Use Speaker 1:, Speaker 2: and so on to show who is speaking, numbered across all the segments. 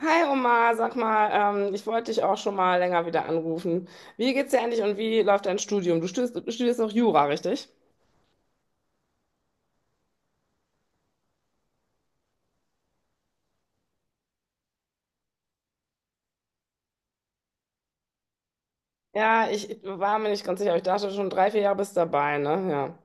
Speaker 1: Hi Omar, sag mal, ich wollte dich auch schon mal länger wieder anrufen. Wie geht's dir eigentlich und wie läuft dein Studium? Du studierst auch Jura, richtig? Ja, ich war mir nicht ganz sicher, aber ich dachte schon drei, vier Jahre bist dabei, ne? Ja.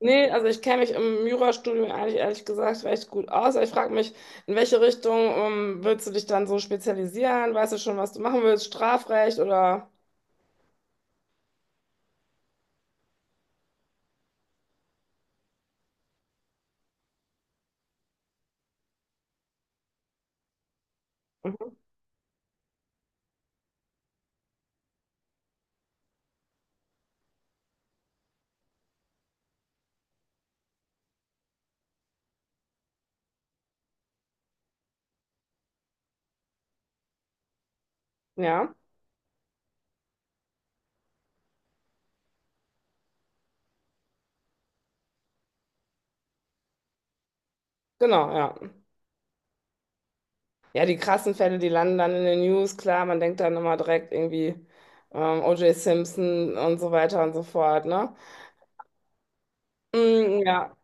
Speaker 1: Nee, also ich kenne mich im Jurastudium eigentlich ehrlich gesagt recht gut aus. Ich frage mich, in welche Richtung willst du dich dann so spezialisieren? Weißt du schon, was du machen willst? Strafrecht oder? Mhm. Ja, genau, ja. Ja, die krassen Fälle, die landen dann in den News, klar, man denkt dann immer direkt irgendwie O.J. Simpson und so weiter und so fort, ne? Mm, ja,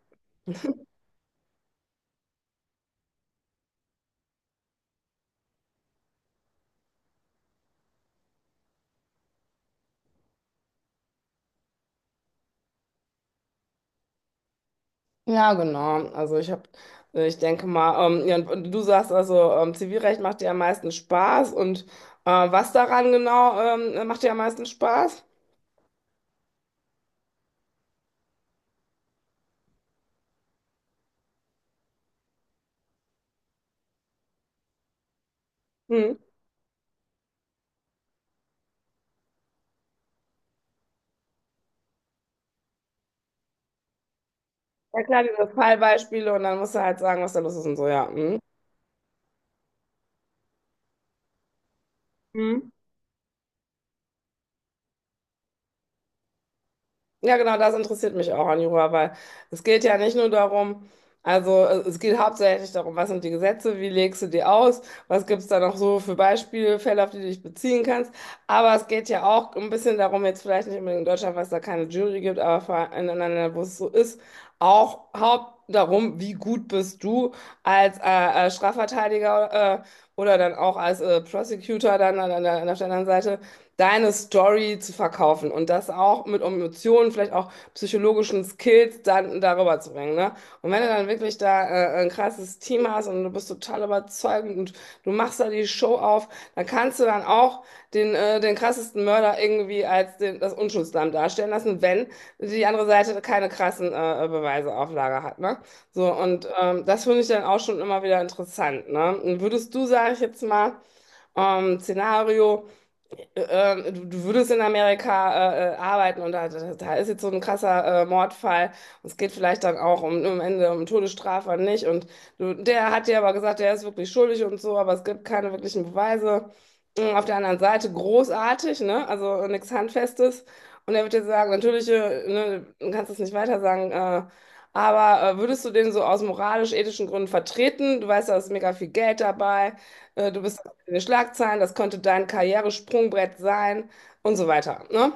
Speaker 1: ja, genau. Also ich denke mal, ja, und du sagst also, Zivilrecht macht dir am meisten Spaß und was daran genau macht dir am meisten Spaß? Hm. Ja klar, diese Fallbeispiele und dann musst du halt sagen, was da los ist und so, ja. Hm. Hm. Ja, genau, das interessiert mich auch an Jura, weil es geht ja nicht nur darum, also es geht hauptsächlich darum, was sind die Gesetze, wie legst du die aus, was gibt es da noch so für Beispiele, Fälle, auf die du dich beziehen kannst. Aber es geht ja auch ein bisschen darum, jetzt vielleicht nicht unbedingt in Deutschland, was da keine Jury gibt, aber vor allem in anderen Ländern, wo es so ist, auch haupt darum, wie gut bist du als Strafverteidiger oder dann auch als Prosecutor dann an der anderen Seite deine Story zu verkaufen und das auch mit Emotionen, vielleicht auch psychologischen Skills dann darüber zu bringen, ne? Und wenn du dann wirklich da ein krasses Team hast und du bist total überzeugend und du machst da die Show auf, dann kannst du dann auch den krassesten Mörder irgendwie als das Unschuldslamm darstellen lassen, wenn die andere Seite keine krassen Beweise auf Lager hat, ne? So, und das finde ich dann auch schon immer wieder interessant, ne? Und würdest du, sage ich jetzt mal, Szenario äh, du würdest in Amerika arbeiten und da ist jetzt so ein krasser Mordfall. Und es geht vielleicht dann auch um, am Ende um Todesstrafe und nicht. Und du, der hat dir aber gesagt, der ist wirklich schuldig und so, aber es gibt keine wirklichen Beweise. Und auf der anderen Seite großartig, ne? Also nichts Handfestes. Und er wird dir sagen, natürlich, ne, du kannst es nicht weiter sagen, aber würdest du den so aus moralisch-ethischen Gründen vertreten? Du weißt, da ist mega viel Geld dabei. Du bist in den Schlagzeilen, das könnte dein Karrieresprungbrett sein und so weiter. Ne?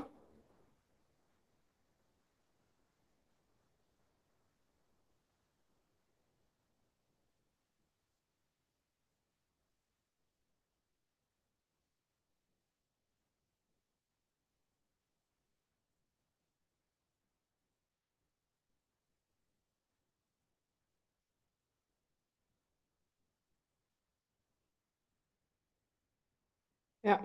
Speaker 1: Ja.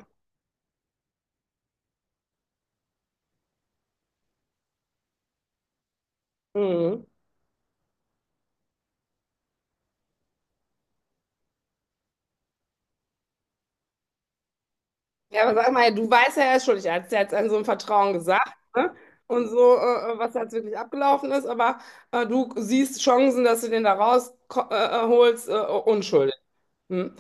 Speaker 1: Mhm. Ja, aber sag mal, du weißt ja, er ist schuldig. Er hat es ja jetzt an so einem Vertrauen gesagt, ne? Und so, was jetzt wirklich abgelaufen ist, aber du siehst Chancen, dass du den da rausholst, unschuldig. Hm?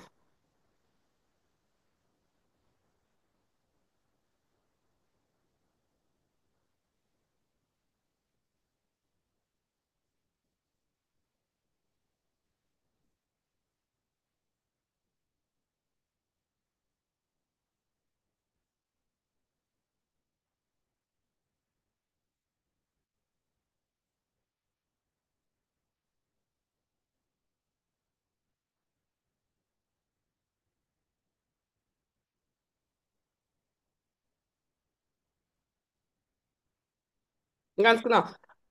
Speaker 1: Ganz genau.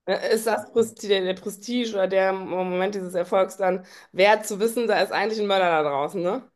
Speaker 1: Ist das der Prestige oder der Moment dieses Erfolgs dann wert zu wissen, da ist eigentlich ein Mörder da draußen, ne?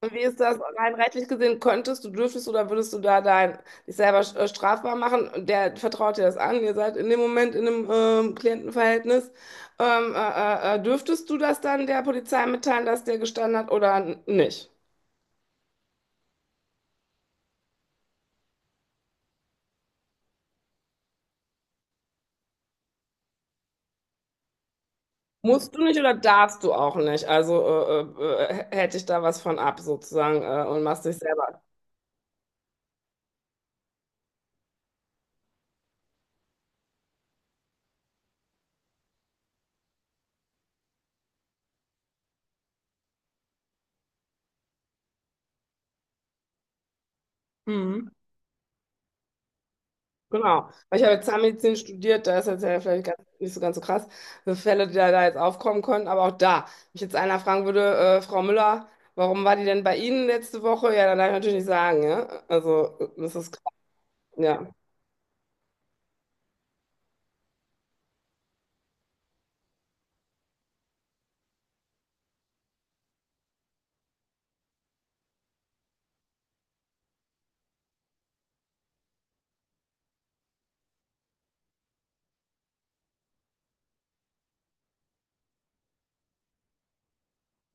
Speaker 1: Und wie ist das rein rechtlich gesehen? Könntest du, dürftest du oder würdest du da dich selber strafbar machen? Und der vertraut dir das an. Ihr seid in dem Moment in einem Klientenverhältnis. Dürftest du das dann der Polizei mitteilen, dass der gestanden hat oder nicht? Musst du nicht oder darfst du auch nicht? Also hätte ich da was von ab sozusagen und machst dich selber. Mhm. Genau, weil ich habe jetzt Zahnmedizin studiert, da ist jetzt ja vielleicht ganz, nicht so ganz so krass, für Fälle, die da jetzt aufkommen können, aber auch da, wenn ich jetzt einer fragen würde, Frau Müller, warum war die denn bei Ihnen letzte Woche? Ja, dann darf ich natürlich nicht sagen, ja. Also, das ist krass, ja.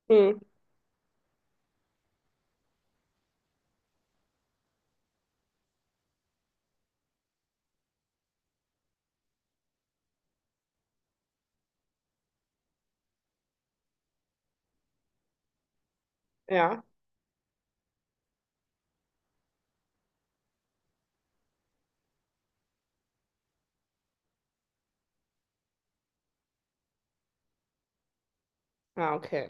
Speaker 1: Hm, ja, ah okay.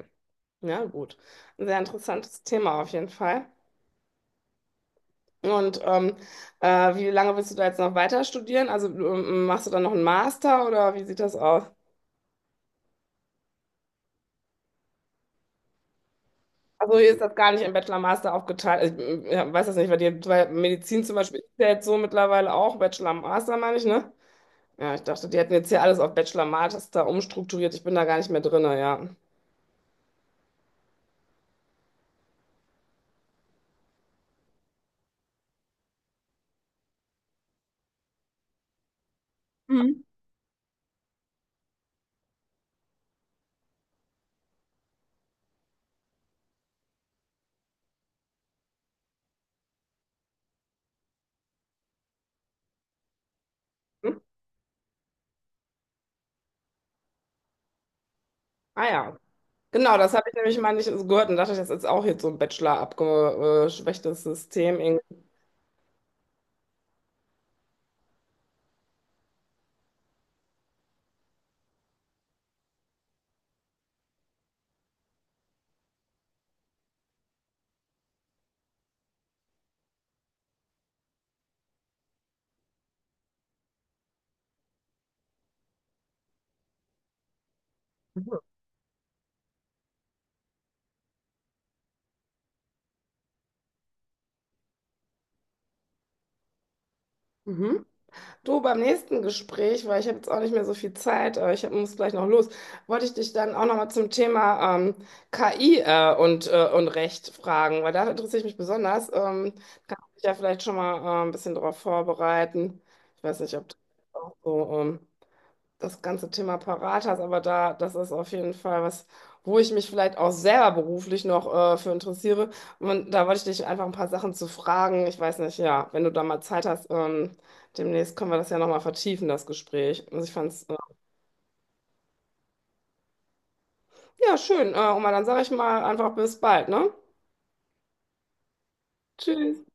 Speaker 1: Ja, gut. Ein sehr interessantes Thema auf jeden Fall. Und wie lange willst du da jetzt noch weiter studieren? Also, machst du dann noch einen Master oder wie sieht das aus? Also hier ist das gar nicht im Bachelor-Master aufgeteilt. Ich ja, weiß das nicht, weil, die, weil Medizin zum Beispiel ist ja jetzt so mittlerweile auch Bachelor-Master, meine ich, ne? Ja, ich dachte, die hätten jetzt hier alles auf Bachelor-Master umstrukturiert. Ich bin da gar nicht mehr drin, ja. Hm? Ah ja, genau, das habe ich nämlich mal nicht so gehört und dachte, das ist auch jetzt so ein Bachelor abgeschwächtes System irgendwie. Mhm. Du, beim nächsten Gespräch, weil ich habe jetzt auch nicht mehr so viel Zeit, ich hab, muss gleich noch los, wollte ich dich dann auch nochmal zum Thema KI und Recht fragen, weil da interessiere ich mich besonders. Kann ich mich ja vielleicht schon mal ein bisschen darauf vorbereiten. Ich weiß nicht, ob das auch so das ganze Thema parat hast, aber da, das ist auf jeden Fall was, wo ich mich vielleicht auch selber beruflich noch für interessiere. Und da wollte ich dich einfach ein paar Sachen zu fragen. Ich weiß nicht, ja, wenn du da mal Zeit hast, demnächst können wir das ja nochmal vertiefen, das Gespräch. Also ich fand's, ja, schön. Und mal dann sage ich mal einfach bis bald, ne? Tschüss.